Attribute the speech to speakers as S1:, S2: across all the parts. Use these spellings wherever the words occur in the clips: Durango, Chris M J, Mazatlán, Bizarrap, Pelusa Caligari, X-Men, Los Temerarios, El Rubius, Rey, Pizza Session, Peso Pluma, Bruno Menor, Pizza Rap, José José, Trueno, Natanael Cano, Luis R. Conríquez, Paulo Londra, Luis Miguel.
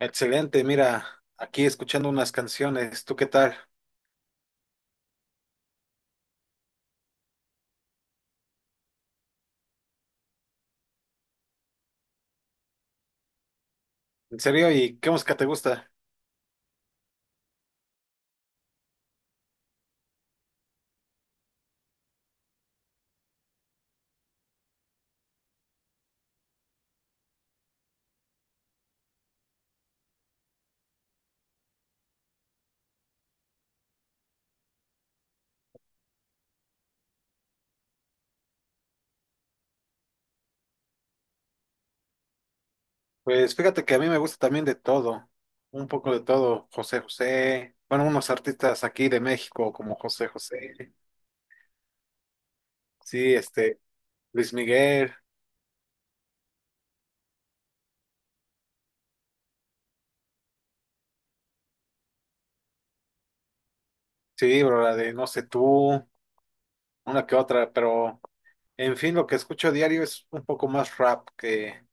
S1: Excelente, mira, aquí escuchando unas canciones, ¿tú qué tal? ¿En serio? ¿Y qué música te gusta? Pues fíjate que a mí me gusta también de todo, un poco de todo, José José, bueno, unos artistas aquí de México como José José, sí, este, Luis Miguel, sí, bro, la de No sé tú, una que otra, pero en fin, lo que escucho a diario es un poco más rap que,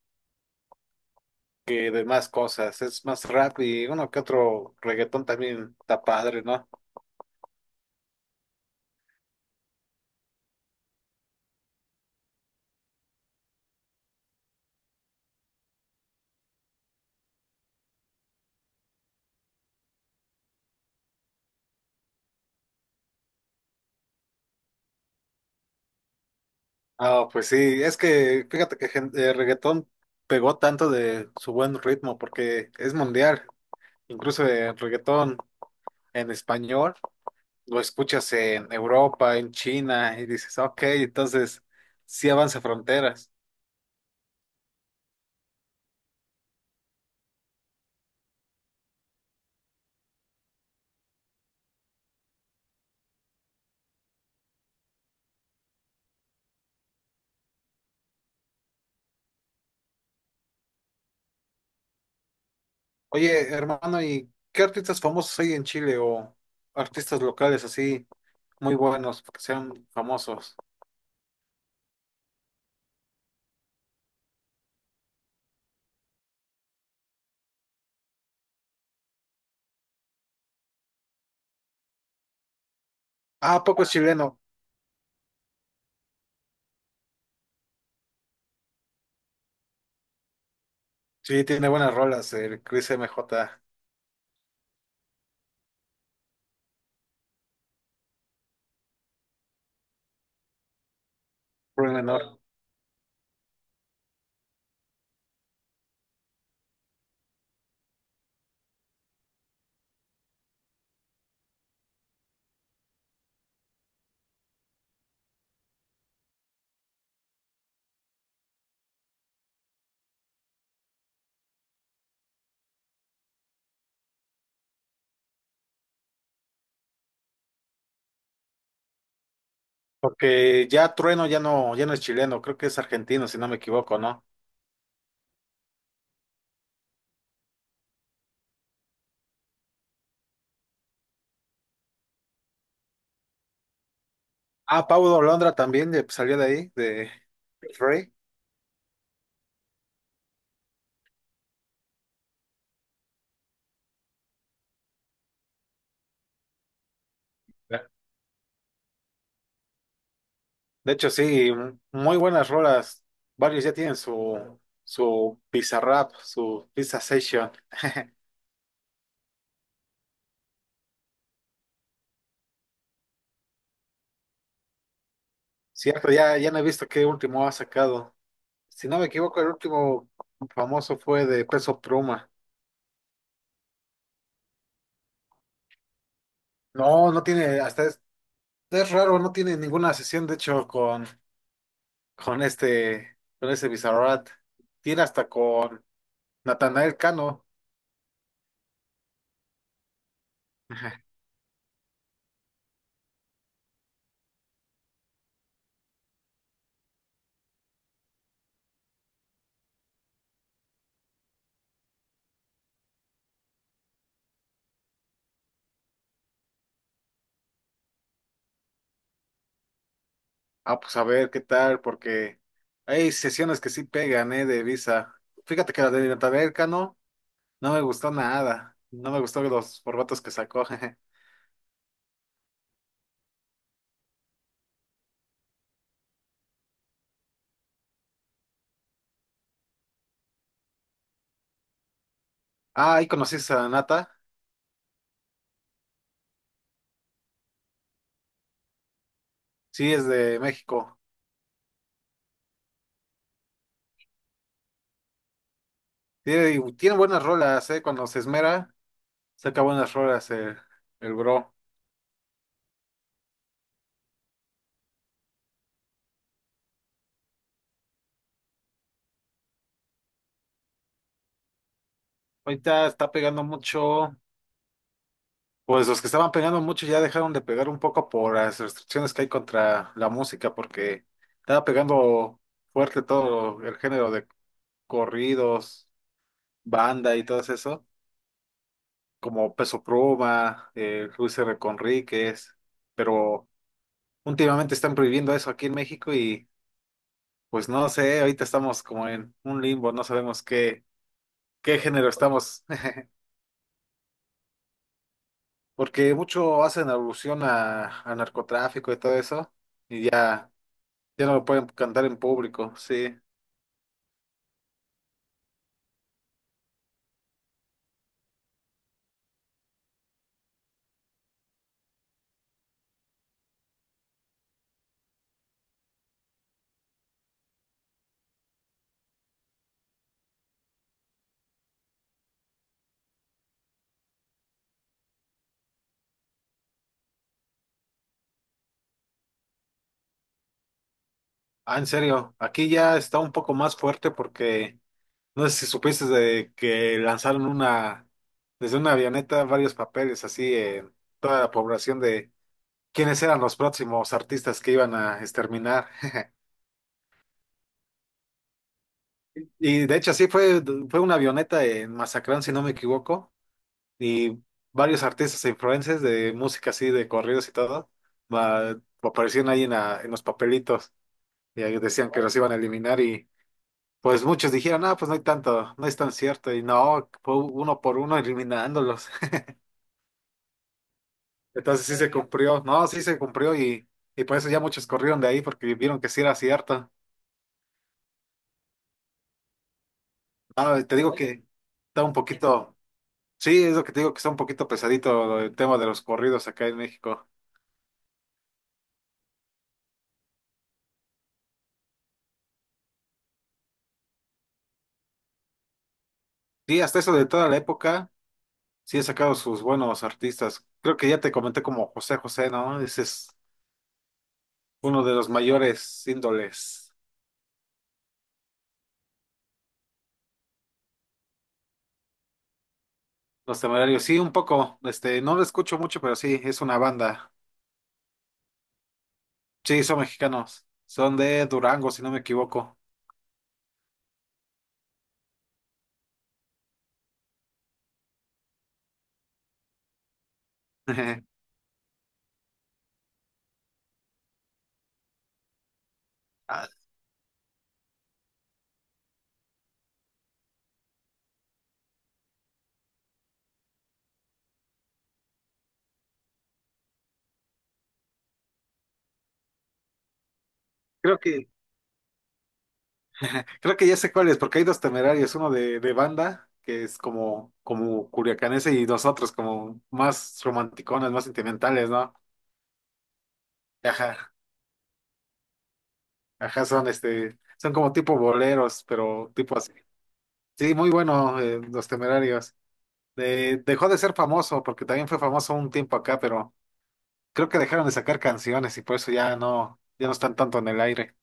S1: que demás cosas, es más rap y uno que otro reggaetón también está padre, ¿no? Ah, pues sí, es que fíjate que reggaetón pegó tanto de su buen ritmo porque es mundial. Incluso el reggaetón en español lo escuchas en Europa, en China y dices, ok, entonces sí avanza fronteras. Oye, hermano, ¿y qué artistas famosos hay en Chile o artistas locales así muy buenos que sean famosos? Ah, ¿a poco es chileno? Sí, tiene buenas rolas, el Chris MJ. Bruno Menor. Porque ya Trueno ya no, ya no es chileno, creo que es argentino, si no me equivoco, ¿no? Ah, Paulo Londra también salió de ahí, de Rey. De hecho, sí, muy buenas rolas. Varios ya tienen su, su Pizza Rap, su Pizza Session. Cierto, ya, ya no he visto qué último ha sacado. Si no me equivoco, el último famoso fue de Peso Pluma. No, no tiene, hasta es raro, no tiene ninguna sesión, de hecho, con este, con ese Bizarrap. Tiene hasta con Natanael Cano. Ah, pues a ver qué tal, porque hay sesiones que sí pegan, ¿eh? De Visa. Fíjate que la de Natanael Cano no me gustó nada. No me gustó los formatos que sacó. Ah, ahí conocí a Nata. Sí, es de México. Tiene, tiene buenas rolas, ¿eh? Cuando se esmera, saca buenas rolas el bro. Ahorita está pegando mucho. Pues los que estaban pegando mucho ya dejaron de pegar un poco por las restricciones que hay contra la música, porque estaba pegando fuerte todo el género de corridos, banda y todo eso, como Peso Pluma, Luis R. Conríquez, pero últimamente están prohibiendo eso aquí en México y pues no sé, ahorita estamos como en un limbo, no sabemos qué, qué género estamos, porque mucho hacen alusión a narcotráfico y todo eso, y ya. Ya no lo pueden cantar en público, sí. Ah, en serio, aquí ya está un poco más fuerte porque no sé si supiste de que lanzaron una, desde una avioneta varios papeles así en toda la población de quiénes eran los próximos artistas que iban a exterminar. Y de hecho así fue, fue una avioneta en Mazatlán, si no me equivoco, y varios artistas e influencers de música así, de corridos y todo, aparecían ahí en, en los papelitos y ahí decían que los iban a eliminar. Pues muchos dijeron, ah, pues no hay tanto, no es tan cierto. Y no, fue uno por uno eliminándolos. Entonces sí se cumplió, no, sí se cumplió y por eso ya muchos corrieron de ahí porque vieron que sí era cierto. Ah, te digo que está un poquito, sí, es lo que te digo que está un poquito pesadito el tema de los corridos acá en México. Sí, hasta eso de toda la época, sí he sacado sus buenos artistas. Creo que ya te comenté como José José, ¿no? Ese es uno de los mayores índoles. Los Temerarios, sí, un poco, este, no lo escucho mucho, pero sí, es una banda. Sí, son mexicanos, son de Durango, si no me equivoco. Ah, creo que, creo que ya sé cuál es, porque hay dos temerarios, uno de banda, que es como, como curiacanese, y nosotros como más romanticones, más sentimentales, ¿no? Ajá, ajá, son este, son como tipo boleros, pero tipo así. Sí, muy bueno, los temerarios. De- dejó de ser famoso, porque también fue famoso un tiempo acá, pero creo que dejaron de sacar canciones y por eso ya no, ya no están tanto en el aire.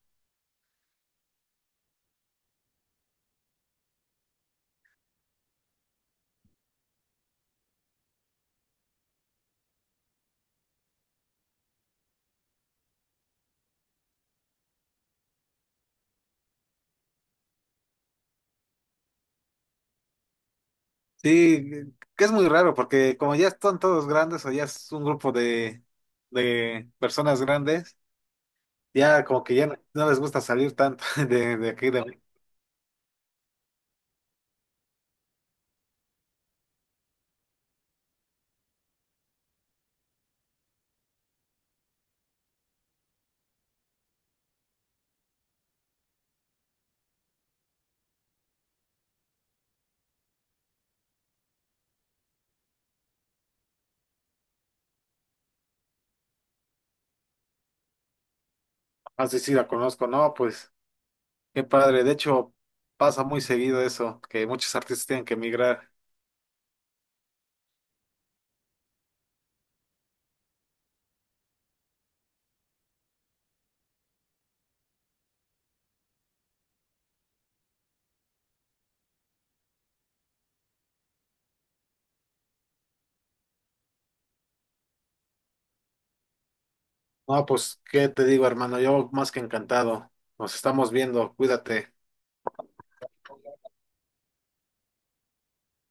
S1: Sí, que es muy raro porque como ya están todos grandes o ya es un grupo de personas grandes, ya como que ya no, no les gusta salir tanto de aquí de México. Así sí la conozco, no, pues qué padre. De hecho, pasa muy seguido eso, que muchos artistas tienen que emigrar. No, pues, ¿qué te digo, hermano? Yo más que encantado. Nos estamos viendo, cuídate.